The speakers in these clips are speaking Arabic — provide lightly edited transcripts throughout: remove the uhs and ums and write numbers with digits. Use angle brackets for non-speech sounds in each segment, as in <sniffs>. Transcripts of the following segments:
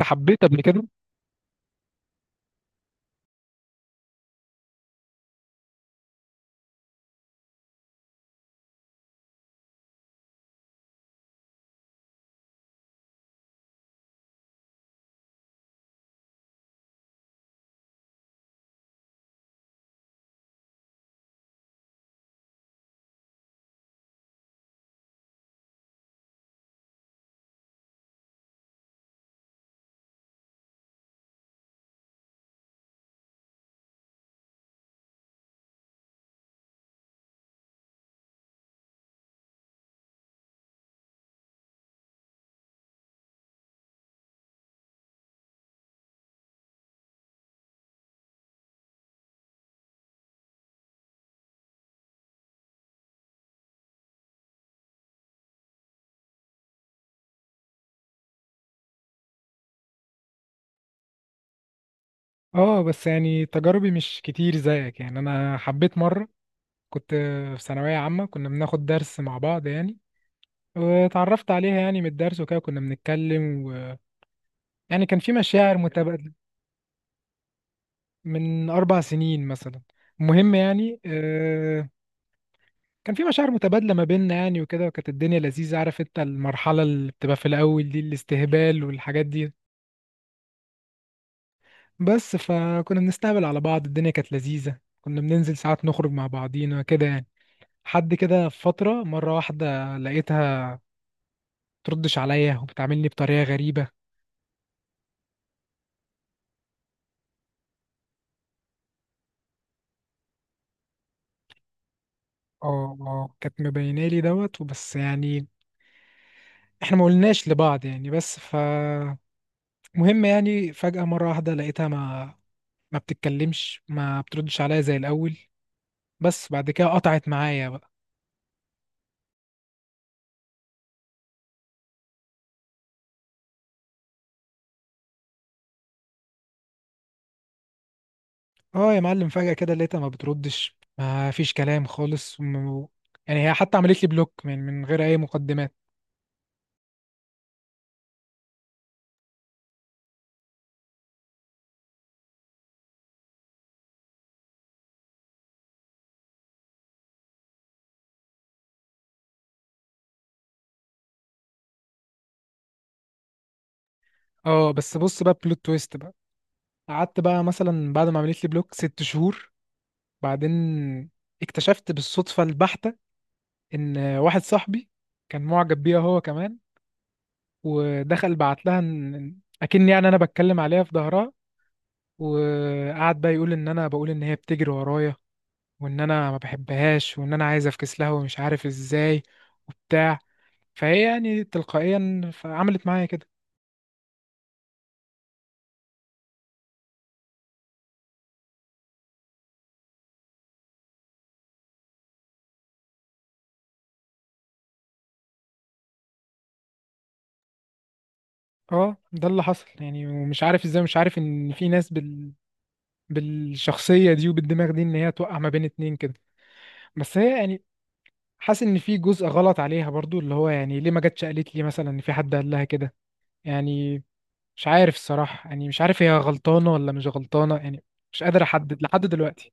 انت حبيت قبل كده؟ اه، بس يعني تجاربي مش كتير زيك. يعني انا حبيت مره، كنت في ثانويه عامه، كنا بناخد درس مع بعض يعني، واتعرفت عليها يعني من الدرس وكده، كنا بنتكلم و يعني كان في مشاعر متبادله، من 4 سنين مثلا. المهم يعني كان في مشاعر متبادله ما بيننا يعني وكده، وكانت الدنيا لذيذه. عارف انت المرحله اللي بتبقى في الاول دي، الاستهبال والحاجات دي، بس فكنا بنستهبل على بعض. الدنيا كانت لذيذه، كنا بننزل ساعات نخرج مع بعضينا كده يعني. حد كده في فترة مرة واحدة لقيتها تردش عليا وبتعاملني بطريقة غريبة. اه، اه، كانت مبينة لي دوت وبس يعني، احنا ما قلناش لبعض يعني، بس ف مهم يعني. فجأة مرة واحدة لقيتها ما بتتكلمش، ما بتردش عليا زي الأول، بس بعد كده قطعت معايا بقى. اه يا معلم، فجأة كده لقيتها ما بتردش، ما فيش كلام خالص، يعني هي حتى عملت لي بلوك من غير أي مقدمات. اه بس بص بقى، بلوت تويست بقى، قعدت بقى مثلا بعد ما عملت لي بلوك 6 شهور، بعدين اكتشفت بالصدفة البحتة إن واحد صاحبي كان معجب بيها هو كمان، ودخل بعت لها إن أكن يعني أنا بتكلم عليها في ظهرها، وقعد بقى يقول إن أنا بقول إن هي بتجري ورايا، وإن أنا ما بحبهاش، وإن أنا عايز أفكس لها ومش عارف إزاي وبتاع. فهي يعني تلقائيا عملت معايا كده. اه ده اللي حصل يعني، ومش عارف ازاي، مش عارف ان في ناس بالشخصية دي وبالدماغ دي، ان هي توقع ما بين اتنين كده. بس هي يعني، حاسس ان في جزء غلط عليها برضو، اللي هو يعني ليه ما جاتش قالت لي مثلا ان في حد قال لها كده يعني. مش عارف الصراحة، يعني مش عارف هي غلطانة ولا مش غلطانة يعني، مش قادر احدد لحد دلوقتي.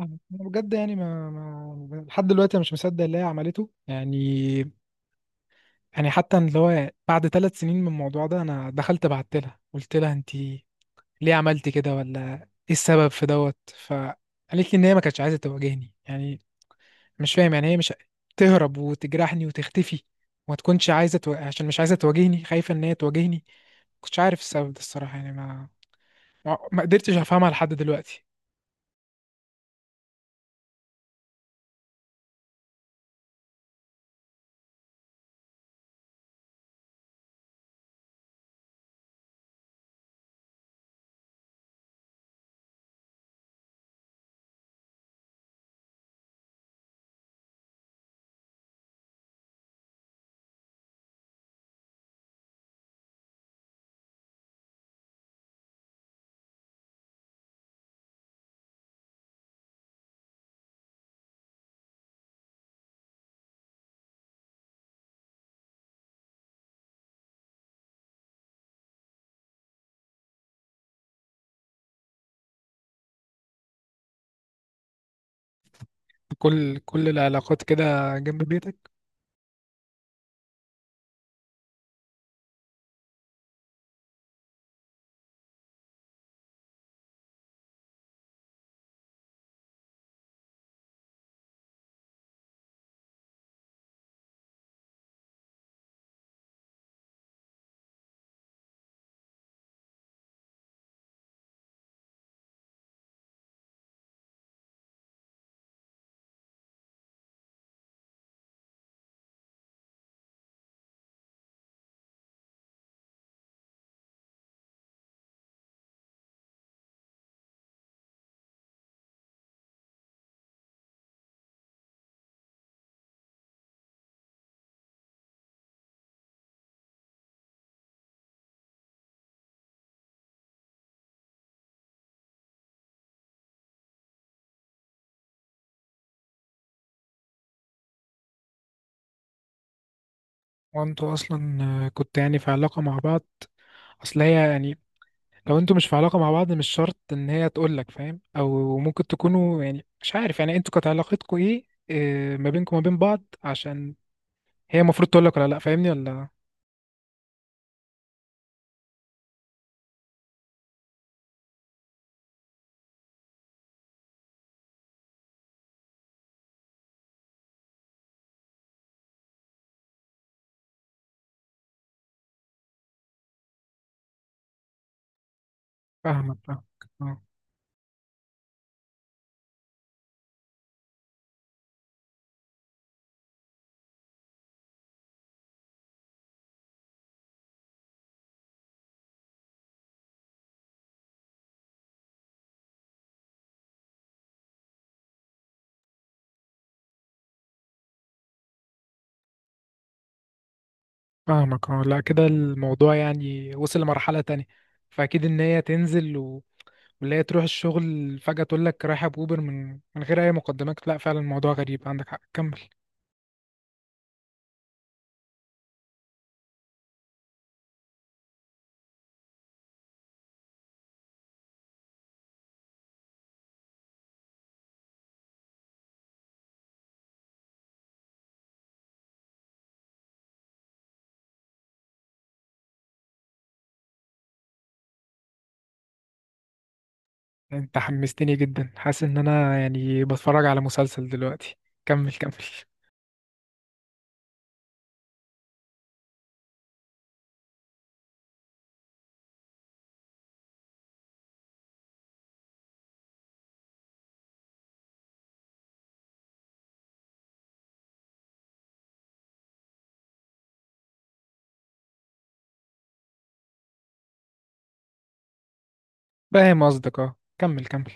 أنا بجد يعني ما لحد دلوقتي أنا مش مصدق اللي هي عملته يعني. يعني حتى اللي هو بعد 3 سنين من الموضوع ده، انا دخلت بعت لها قلت لها: انت ليه عملت كده؟ ولا ايه السبب في دوت؟ فقالت لي ان هي ما كانتش عايزه تواجهني يعني. مش فاهم يعني، هي مش تهرب وتجرحني وتختفي وما تكونش عايزه عشان مش عايزه تواجهني، خايفه ان هي تواجهني. ما كنتش عارف السبب ده الصراحه يعني، ما قدرتش افهمها لحد دلوقتي. كل العلاقات كده جنب بيتك. وانتوا اصلا كنت يعني في علاقه مع بعض؟ اصل هي يعني، لو انتوا مش في علاقة مع بعض مش شرط ان هي تقول لك فاهم، او ممكن تكونوا يعني مش عارف، يعني انتوا كانت علاقتكم ايه ما بينكم وما بين بعض، عشان هي المفروض تقول لك ولا لا، فاهمني ولا؟ فاهمك، فاهمك اه. فاهمك اه، لا كده الموضوع يعني وصل لمرحلة تانية. فاكيد ان هي تنزل و ولا هي تروح الشغل فجأة تقول لك رايحة بأوبر من غير اي مقدمات، لا فعلا الموضوع غريب، عندك حق، كمل. انت حمستني جدا، حاسس ان انا يعني بتفرج على مسلسل دلوقتي، كمل كمل. فاهم قصدك اه، كمل كمل.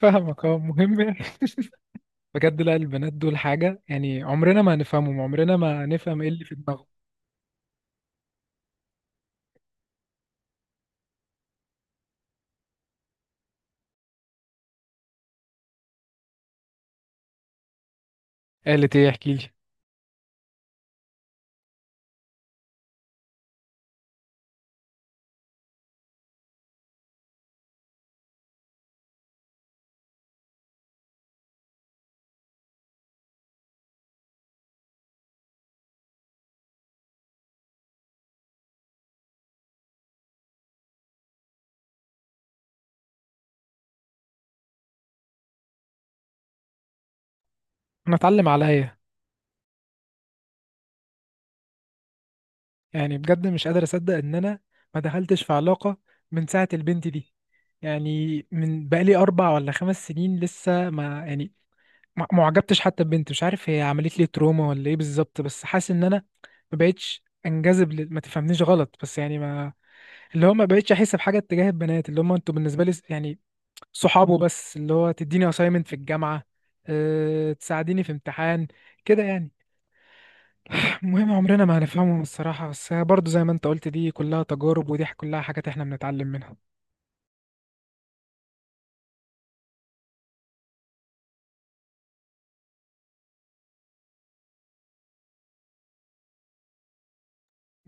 فاهمك اه مهم يعني. <laughs> بجد لا، البنات دول حاجة، يعني عمرنا ما هنفهمهم، عمرنا ما هنفهم ايه اللي في دماغهم. قالت ايه؟ احكي لي. انا اتعلم عليا. يعني بجد مش قادر اصدق ان انا ما دخلتش في علاقة من ساعة البنت دي، يعني من بقالي 4 ولا 5 سنين لسه، ما يعني ما عجبتش حتى ببنت. مش عارف هي عملت لي تروما ولا ايه بالظبط، بس حاسس ان انا ما بقتش انجذب ما تفهمنيش غلط، بس يعني ما، اللي هو ما بقتش احس بحاجه اتجاه البنات، اللي هم انتوا بالنسبه لي يعني صحابه بس، اللي هو تديني اسايمنت في الجامعه، أه تساعديني في امتحان كده يعني. <sniffs> <sighs> المهم عمرنا ما هنفهمهم الصراحه، بس برضو زي ما انت قلت، دي كلها تجارب ودي كلها حاجات احنا بنتعلم منها.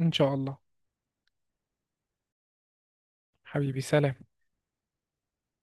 ان شاء الله. حبيبي سلام.